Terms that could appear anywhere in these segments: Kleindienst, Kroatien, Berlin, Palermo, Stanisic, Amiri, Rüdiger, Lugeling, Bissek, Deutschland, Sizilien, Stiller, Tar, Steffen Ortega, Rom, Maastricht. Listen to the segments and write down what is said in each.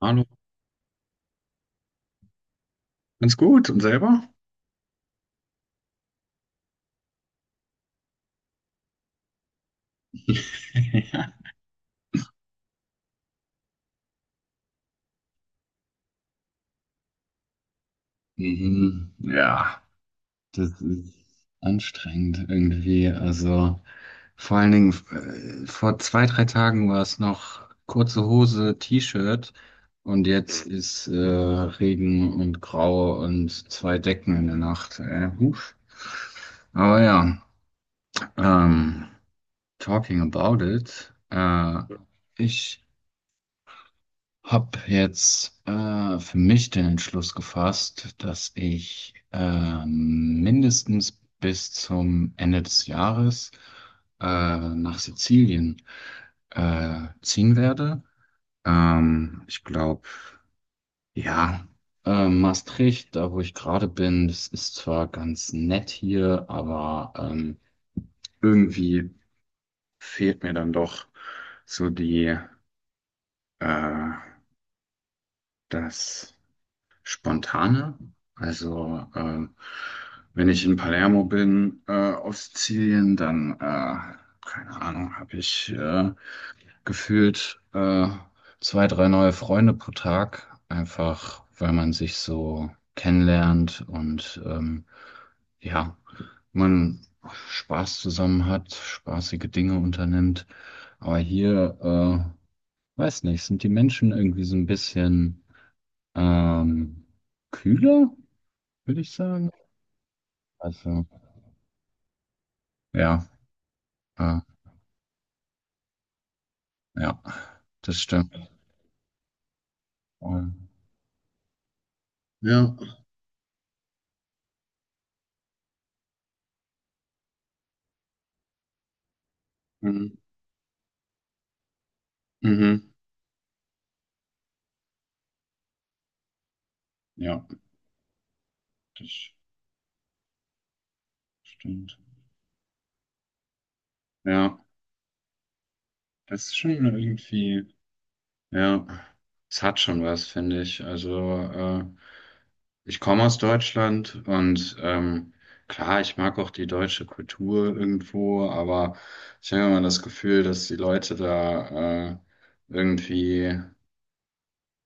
Hallo, ganz gut. Und selber? Ja. Mhm. Ja, das ist anstrengend irgendwie. Also vor allen Dingen vor zwei, drei Tagen war es noch kurze Hose, T-Shirt und jetzt ist Regen und Grau und zwei Decken in der Nacht. Huf. Aber ja, ähm, talking about it. Ich hab jetzt für mich den Entschluss gefasst, dass ich mindestens bis zum Ende des Jahres äh, nach Sizilien ziehen werde. Ich glaube, ja, Maastricht, da wo ich gerade bin, das ist zwar ganz nett hier, aber irgendwie fehlt mir dann doch so äh, das Spontane. Also wenn ich in Palermo bin, auf Sizilien, dann, keine Ahnung, habe ich gefühlt zwei, drei neue Freunde pro Tag, einfach weil man sich so kennenlernt und ja, man Spaß zusammen hat, spaßige Dinge unternimmt. Aber hier, weiß nicht, sind die Menschen irgendwie so ein bisschen ähm, kühler, würde ich sagen. Also, ja, äh, ja, das stimmt. Ähm, Ja, Mhm. Mhm. Ja, das stimmt. Ja, das ist schon irgendwie, ja, es hat schon was, finde ich. Also, ich komme aus Deutschland und klar, ich mag auch die deutsche Kultur irgendwo, aber ich habe immer das Gefühl, dass die Leute da irgendwie,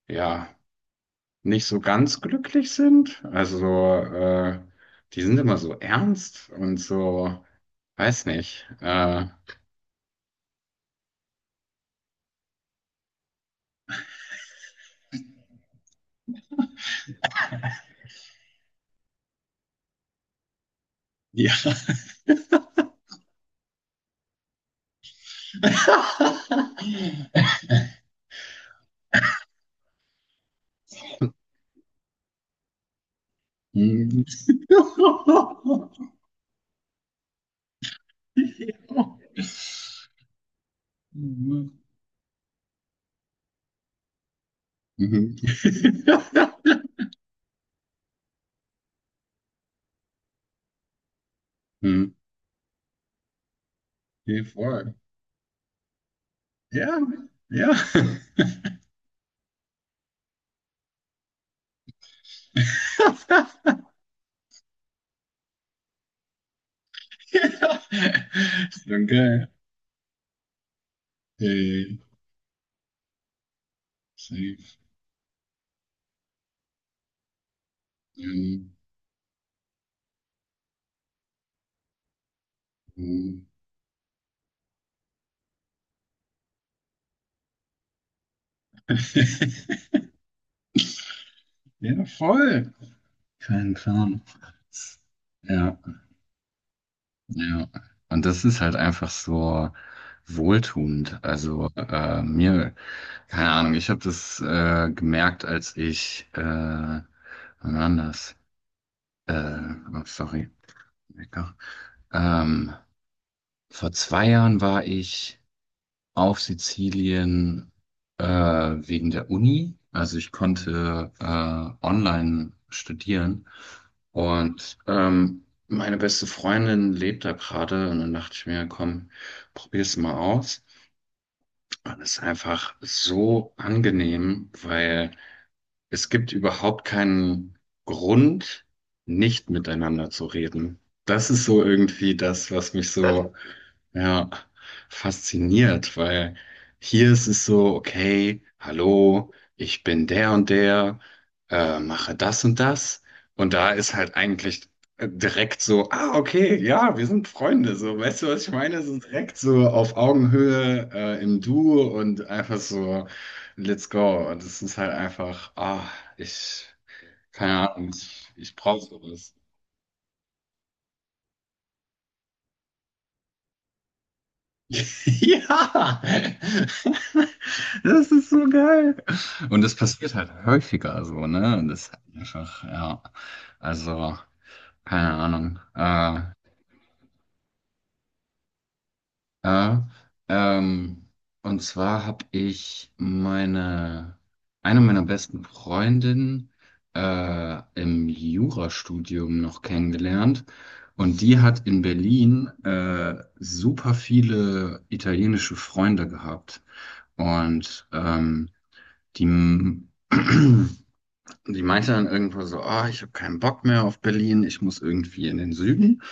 ja, nicht so ganz glücklich sind. Also, so, die sind immer so ernst und so, weiß nicht. Ja. Hm. Mhm. Mhm. Hm. Geh vor. Ja, ja. Ja. Danke. Hey, safe. Ähm, hm. Ja, voll. Kein Plan. Ja, ja. Und das ist halt einfach so wohltuend. Also mir, keine Ahnung, ich habe das gemerkt, als ich, wann war denn das? Äh, oh, sorry, Wecker. Ähm, vor 2 Jahren war ich auf Sizilien wegen der Uni. Also ich konnte online studieren und meine beste Freundin lebt da gerade und dann dachte ich mir, komm, probier's mal aus. Und es ist einfach so angenehm, weil es gibt überhaupt keinen Grund, nicht miteinander zu reden. Das ist so irgendwie das, was mich so ja, fasziniert, weil hier ist es so, okay, hallo, ich bin der und der, mache das und das. Und da ist halt eigentlich direkt so, ah, okay, ja, wir sind Freunde, so, weißt du, was ich meine? So direkt so auf Augenhöhe, im Du und einfach so, let's go. Und es ist halt einfach, ah, ich, keine Ahnung, ich brauche sowas. Ja! Das ist so geil. Und das passiert halt häufiger so, ne? Und das ist halt einfach, ja. Also, keine Ahnung. Äh, ähm, und zwar habe ich eine meiner besten Freundinnen im Jurastudium noch kennengelernt. Und die hat in Berlin super viele italienische Freunde gehabt. Und die Und die meinte dann irgendwo so, ah, ich habe keinen Bock mehr auf Berlin, ich muss irgendwie in den Süden.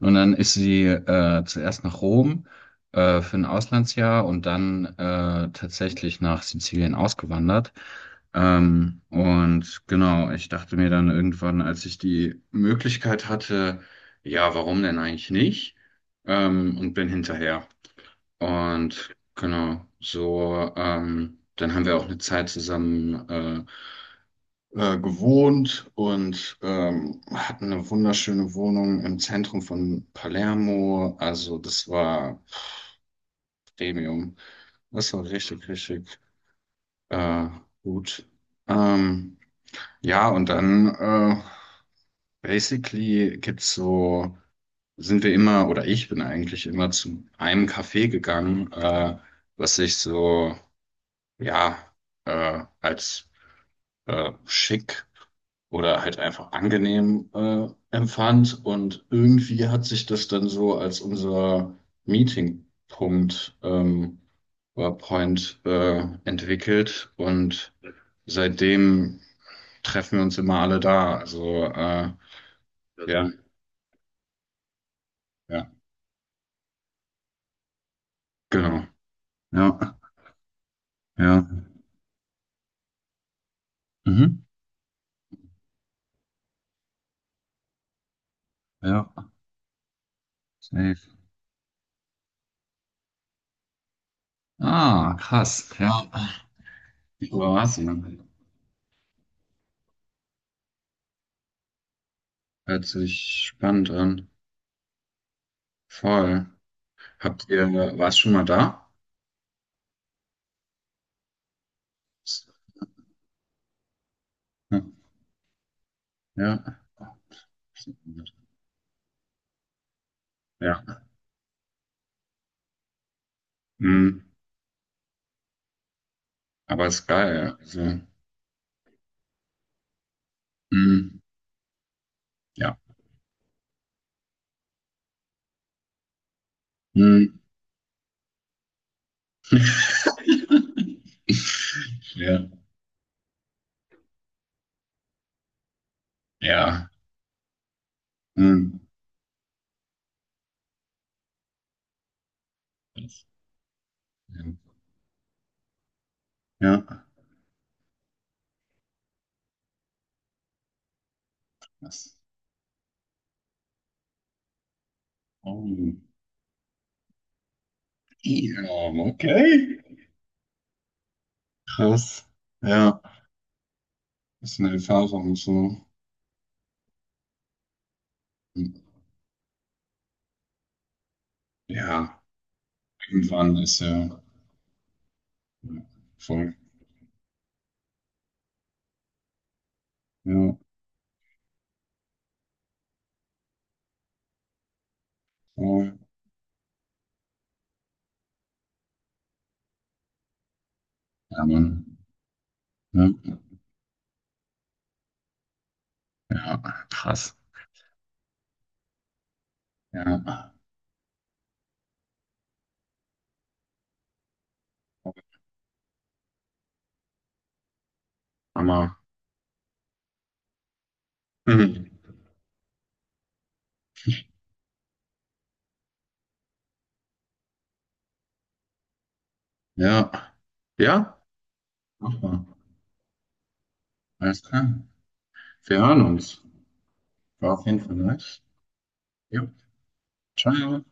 Und dann ist sie zuerst nach Rom für ein Auslandsjahr und dann tatsächlich nach Sizilien ausgewandert. Und genau, ich dachte mir dann irgendwann, als ich die Möglichkeit hatte, ja, warum denn eigentlich nicht? Und bin hinterher. Und genau, so, dann haben wir auch eine Zeit zusammen gewohnt und hatten eine wunderschöne Wohnung im Zentrum von Palermo. Also das war Premium. Das war richtig, richtig äh, gut. Ähm, ja, und dann basically gibt's so, oder ich bin eigentlich immer zu einem Café gegangen, was ich so, ja, als schick oder halt einfach angenehm empfand. Und irgendwie hat sich das dann so als unser Meetingpunkt oder Point entwickelt. Und seitdem treffen wir uns immer alle da. Also ja, ja, ja, genau. Ja, ja. Mhm. Ja, safe. Ah, krass. Ja. Kroatien. Hört sich spannend an. Voll. War es schon mal da? Ja. Ja. Mhm. Aber ist geil. Ja. Also, mhm. Ja. Mhm. Ja. Ja. Mhm. Das- Ja. Ja. Das. Oh. Ja, okay. Krass. Ja. Ist eine Erfahrung so. Ja. Irgendwann ist ja voll. Ja. Voll. Ja, Mann. Ja. Ja. Krass. Ja. Hammer. Mhm. Ja. Ja. Mach mal. Alles klar. Wir hören uns. War auf jeden Fall nice. Ja. Ciao.